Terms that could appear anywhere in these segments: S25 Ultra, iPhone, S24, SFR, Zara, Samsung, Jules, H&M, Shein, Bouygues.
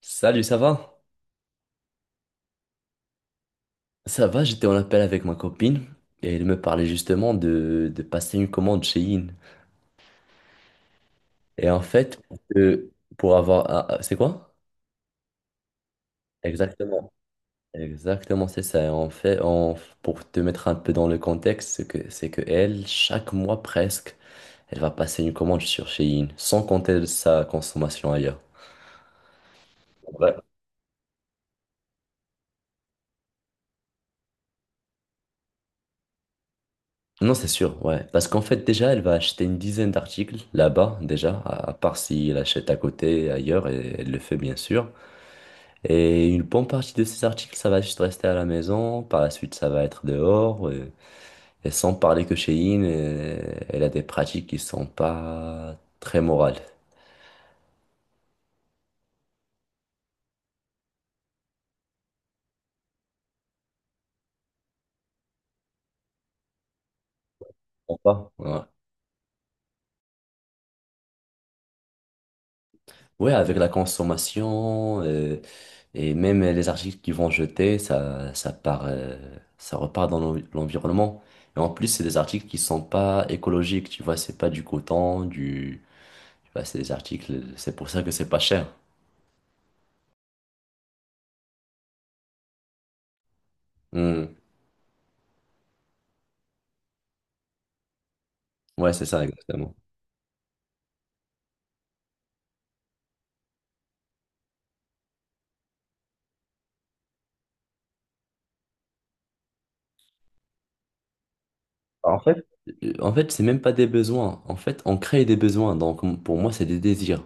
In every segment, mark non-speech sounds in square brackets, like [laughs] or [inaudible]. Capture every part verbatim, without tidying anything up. Salut, ça va? Ça va, j'étais en appel avec ma copine et elle me parlait justement de, de passer une commande chez In. Et en fait, pour que- pour avoir... un- un- C'est quoi? Exactement. Exactement, c'est ça. En fait, en- pour te mettre un peu dans le contexte, c'est que, c'est que elle, chaque mois presque, elle va passer une commande sur Shein, sans compter sa consommation ailleurs. Ouais. Non, c'est sûr, ouais. Parce qu'en fait, déjà, elle va acheter une dizaine d'articles là-bas, déjà, à, à part si elle achète à côté, ailleurs, et elle le fait bien sûr. Et une bonne partie de ces articles, ça va juste rester à la maison. Par la suite, ça va être dehors. euh, Et, sans parler que chez In, euh, elle a des pratiques qui sont pas très morales. Bon, pas, ouais. Ouais, avec la consommation euh, et même les articles qu'ils vont jeter, ça, ça part, euh, ça repart dans l'envi- l'environnement. Et en plus, c'est des articles qui sont pas écologiques. Tu vois, c'est pas du coton, du, tu vois, c'est des articles. C'est pour ça que c'est pas cher. Hmm. Ouais, c'est ça, exactement. En fait, euh, en fait, c'est même pas des besoins. En fait, on crée des besoins. Donc, m- pour moi, c'est des désirs,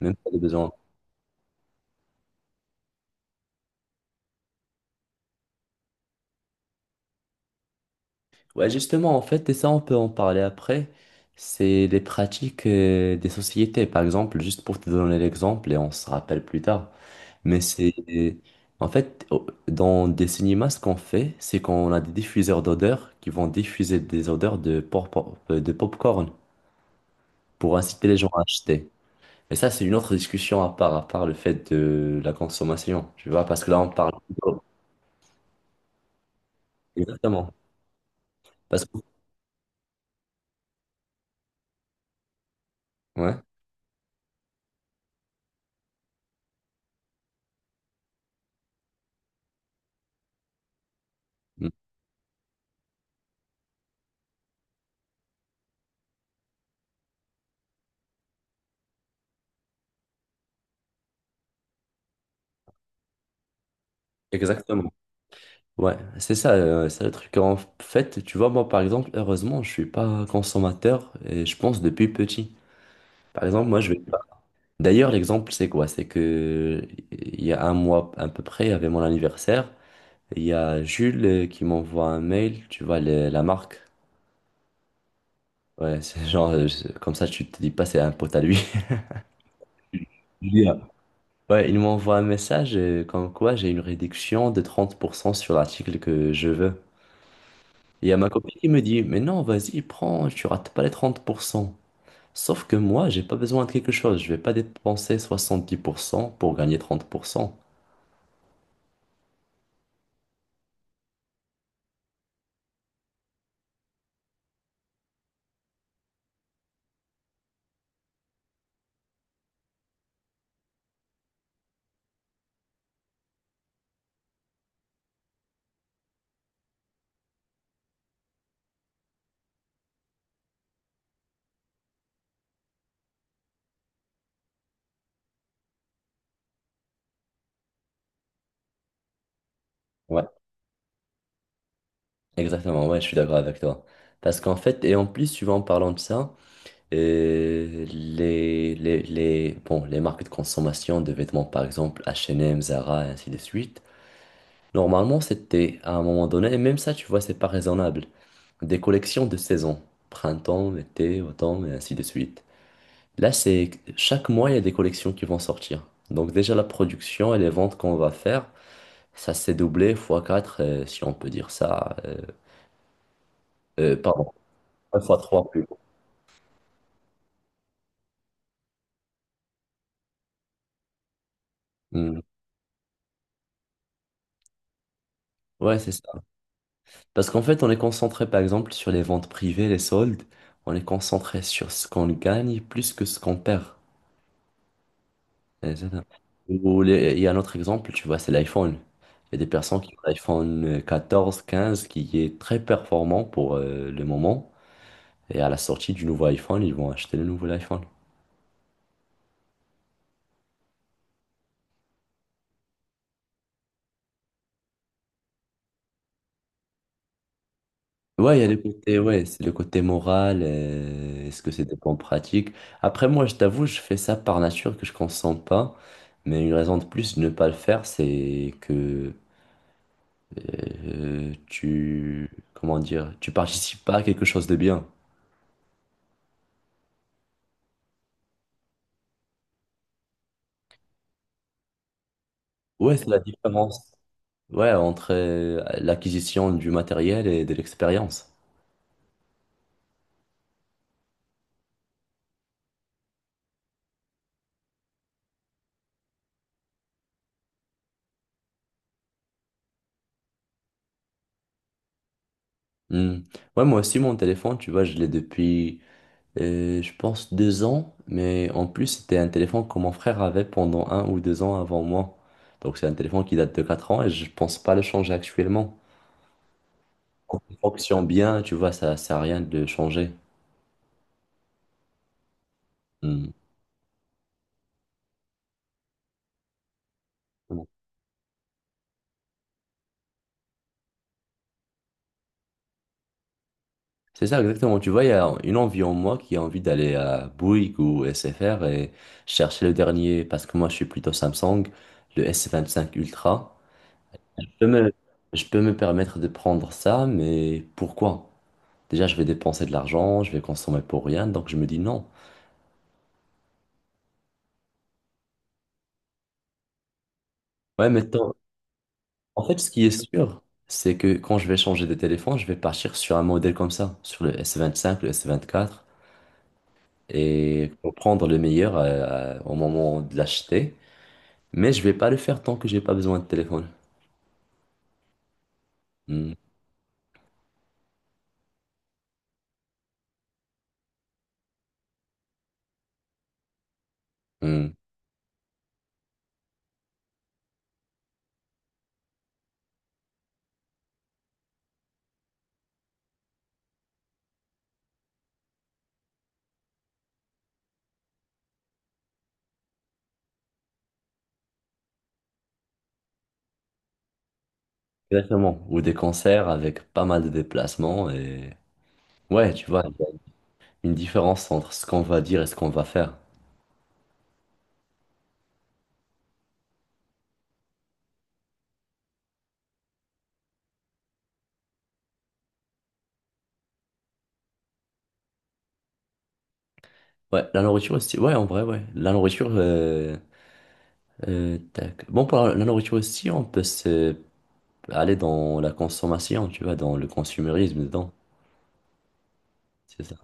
même pas des besoins. Ouais, justement, en fait, et ça, on peut en parler après. C'est les pratiques euh, des sociétés, par exemple, juste pour te donner l'exemple, et on se rappelle plus tard. Mais c'est, en fait, au- dans des cinémas, ce qu'on fait, c'est qu'on a des diffuseurs d'odeurs qui vont diffuser des odeurs de, pop de popcorn pour inciter les gens à acheter. Mais ça, c'est une autre discussion à part, à part le fait de la consommation, tu vois, parce que là, on parle. Exactement. Parce que... Ouais, Mm. Exactement. Ouais, c'est ça, euh, c'est le truc. En fait, tu vois, moi, par exemple, heureusement, je suis pas consommateur et je pense depuis petit. Par exemple, moi, je vais pas. D'ailleurs, l'exemple, c'est quoi? C'est que il y a un mois à peu près, il y avait mon anniversaire. Il y a Jules euh, qui m'envoie un mail, tu vois, le- la marque. Ouais, c'est genre, euh, je- comme ça, tu te dis pas, c'est un pote à lui. [laughs] Ouais, il m'envoie un message euh, comme quoi j'ai une réduction de trente pour cent sur l'article que je veux. Et il y a ma copine qui me dit, mais non, vas-y, prends, tu rates pas les trente pour cent. Sauf que moi, j'ai pas besoin de quelque chose. Je vais pas dépenser soixante-dix pour cent pour gagner trente pour cent. Ouais, exactement, ouais, je suis d'accord avec toi. Parce qu'en fait, et en plus, tu vois, en parlant de ça, euh, les, les, les, bon, les marques de consommation de vêtements, par exemple, H et M, Zara, et ainsi de suite. Normalement, c'était à un moment donné, et même ça, tu vois, c'est pas raisonnable. Des collections de saisons, printemps, été, automne, et ainsi de suite. Là, c'est chaque mois, il y a des collections qui vont sortir. Donc déjà, la production et les ventes qu'on va faire, ça s'est doublé fois quatre, si on peut dire ça. Euh, euh, pardon, fois trois plus. Hmm. Ouais, c'est ça. Parce qu'en fait, on est concentré, par exemple, sur les ventes privées, les soldes. On est concentré sur ce qu'on gagne plus que ce qu'on perd. Ouais, c'est ça. Ou les- il y a un autre exemple, tu vois, c'est l'iPhone. Il y a des personnes qui ont l'iPhone euh, quatorze quinze qui est très performant pour euh, le moment. Et à la sortie du nouveau iPhone, ils vont acheter le nouvel iPhone. Ouais, il y a le côté, ouais, c'est le côté moral. Euh, est-ce que c'est des bonnes pratiques? Après, moi, je t'avoue, je fais ça par nature que je consomme pas. Mais une raison de plus de ne pas le faire, c'est que euh, tu, comment dire, tu participes pas à quelque chose de bien. Ouais, c'est la différence. Ouais, entre euh, l'acquisition du matériel et de l'expérience. Hmm. Ouais, moi aussi, mon téléphone, tu vois, je l'ai depuis, euh, je pense, deux ans. Mais en plus, c'était un téléphone que mon frère avait pendant un ou deux ans avant moi. Donc, c'est un téléphone qui date de quatre ans et je pense pas le changer actuellement. Quand il fonctionne bien, tu vois, ça sert à rien de le changer. Hmm. C'est ça, exactement. Tu vois, il y a une envie en moi qui a envie d'aller à Bouygues ou S F R et chercher le dernier, parce que moi, je suis plutôt Samsung, le S vingt-cinq Ultra. Je peux me, je peux me permettre de prendre ça, mais pourquoi? Déjà, je vais dépenser de l'argent, je vais consommer pour rien, donc je me dis non. Ouais, mais tant- en fait, ce qui est sûr, c'est que quand je vais changer de téléphone, je vais partir sur un modèle comme ça, sur le S vingt-cinq, le S vingt-quatre, et pour prendre le meilleur euh, au moment de l'acheter. Mais je vais pas le faire tant que j'ai pas besoin de téléphone. Hmm, hmm. Exactement. Ou des concerts avec pas mal de déplacements et... Ouais, tu vois, il y a une différence entre ce qu'on va dire et ce qu'on va faire. Ouais, la nourriture aussi. Ouais, en vrai, ouais. La nourriture... euh, euh, tac. Bon, pour la, la nourriture aussi, on peut se... aller dans la consommation, tu vois, dans le consumérisme dedans. C'est ça.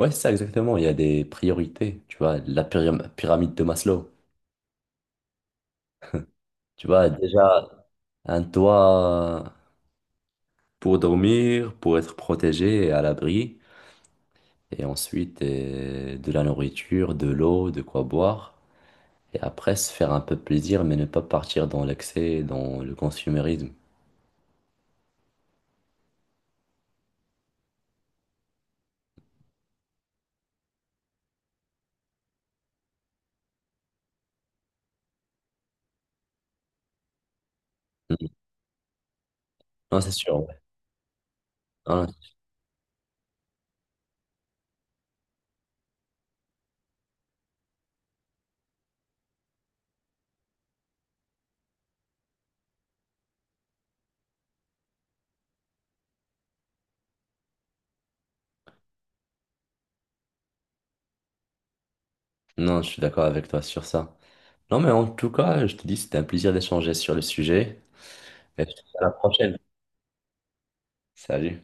Ouais, c'est ça, exactement. Il y a des priorités, tu vois, la pyram- pyramide de Maslow. Tu vois, déjà, un toit, pour dormir, pour être protégé et à l'abri, et ensuite euh, de la nourriture, de l'eau, de quoi boire, et après se faire un peu plaisir, mais ne pas partir dans l'excès, et dans le consumérisme. Mm. Non, c'est sûr. Ouais. Non, non, je suis d'accord avec toi sur ça. Non, mais en tout cas, je te dis, c'était un plaisir d'échanger sur le sujet, et je te dis à la prochaine. Salut.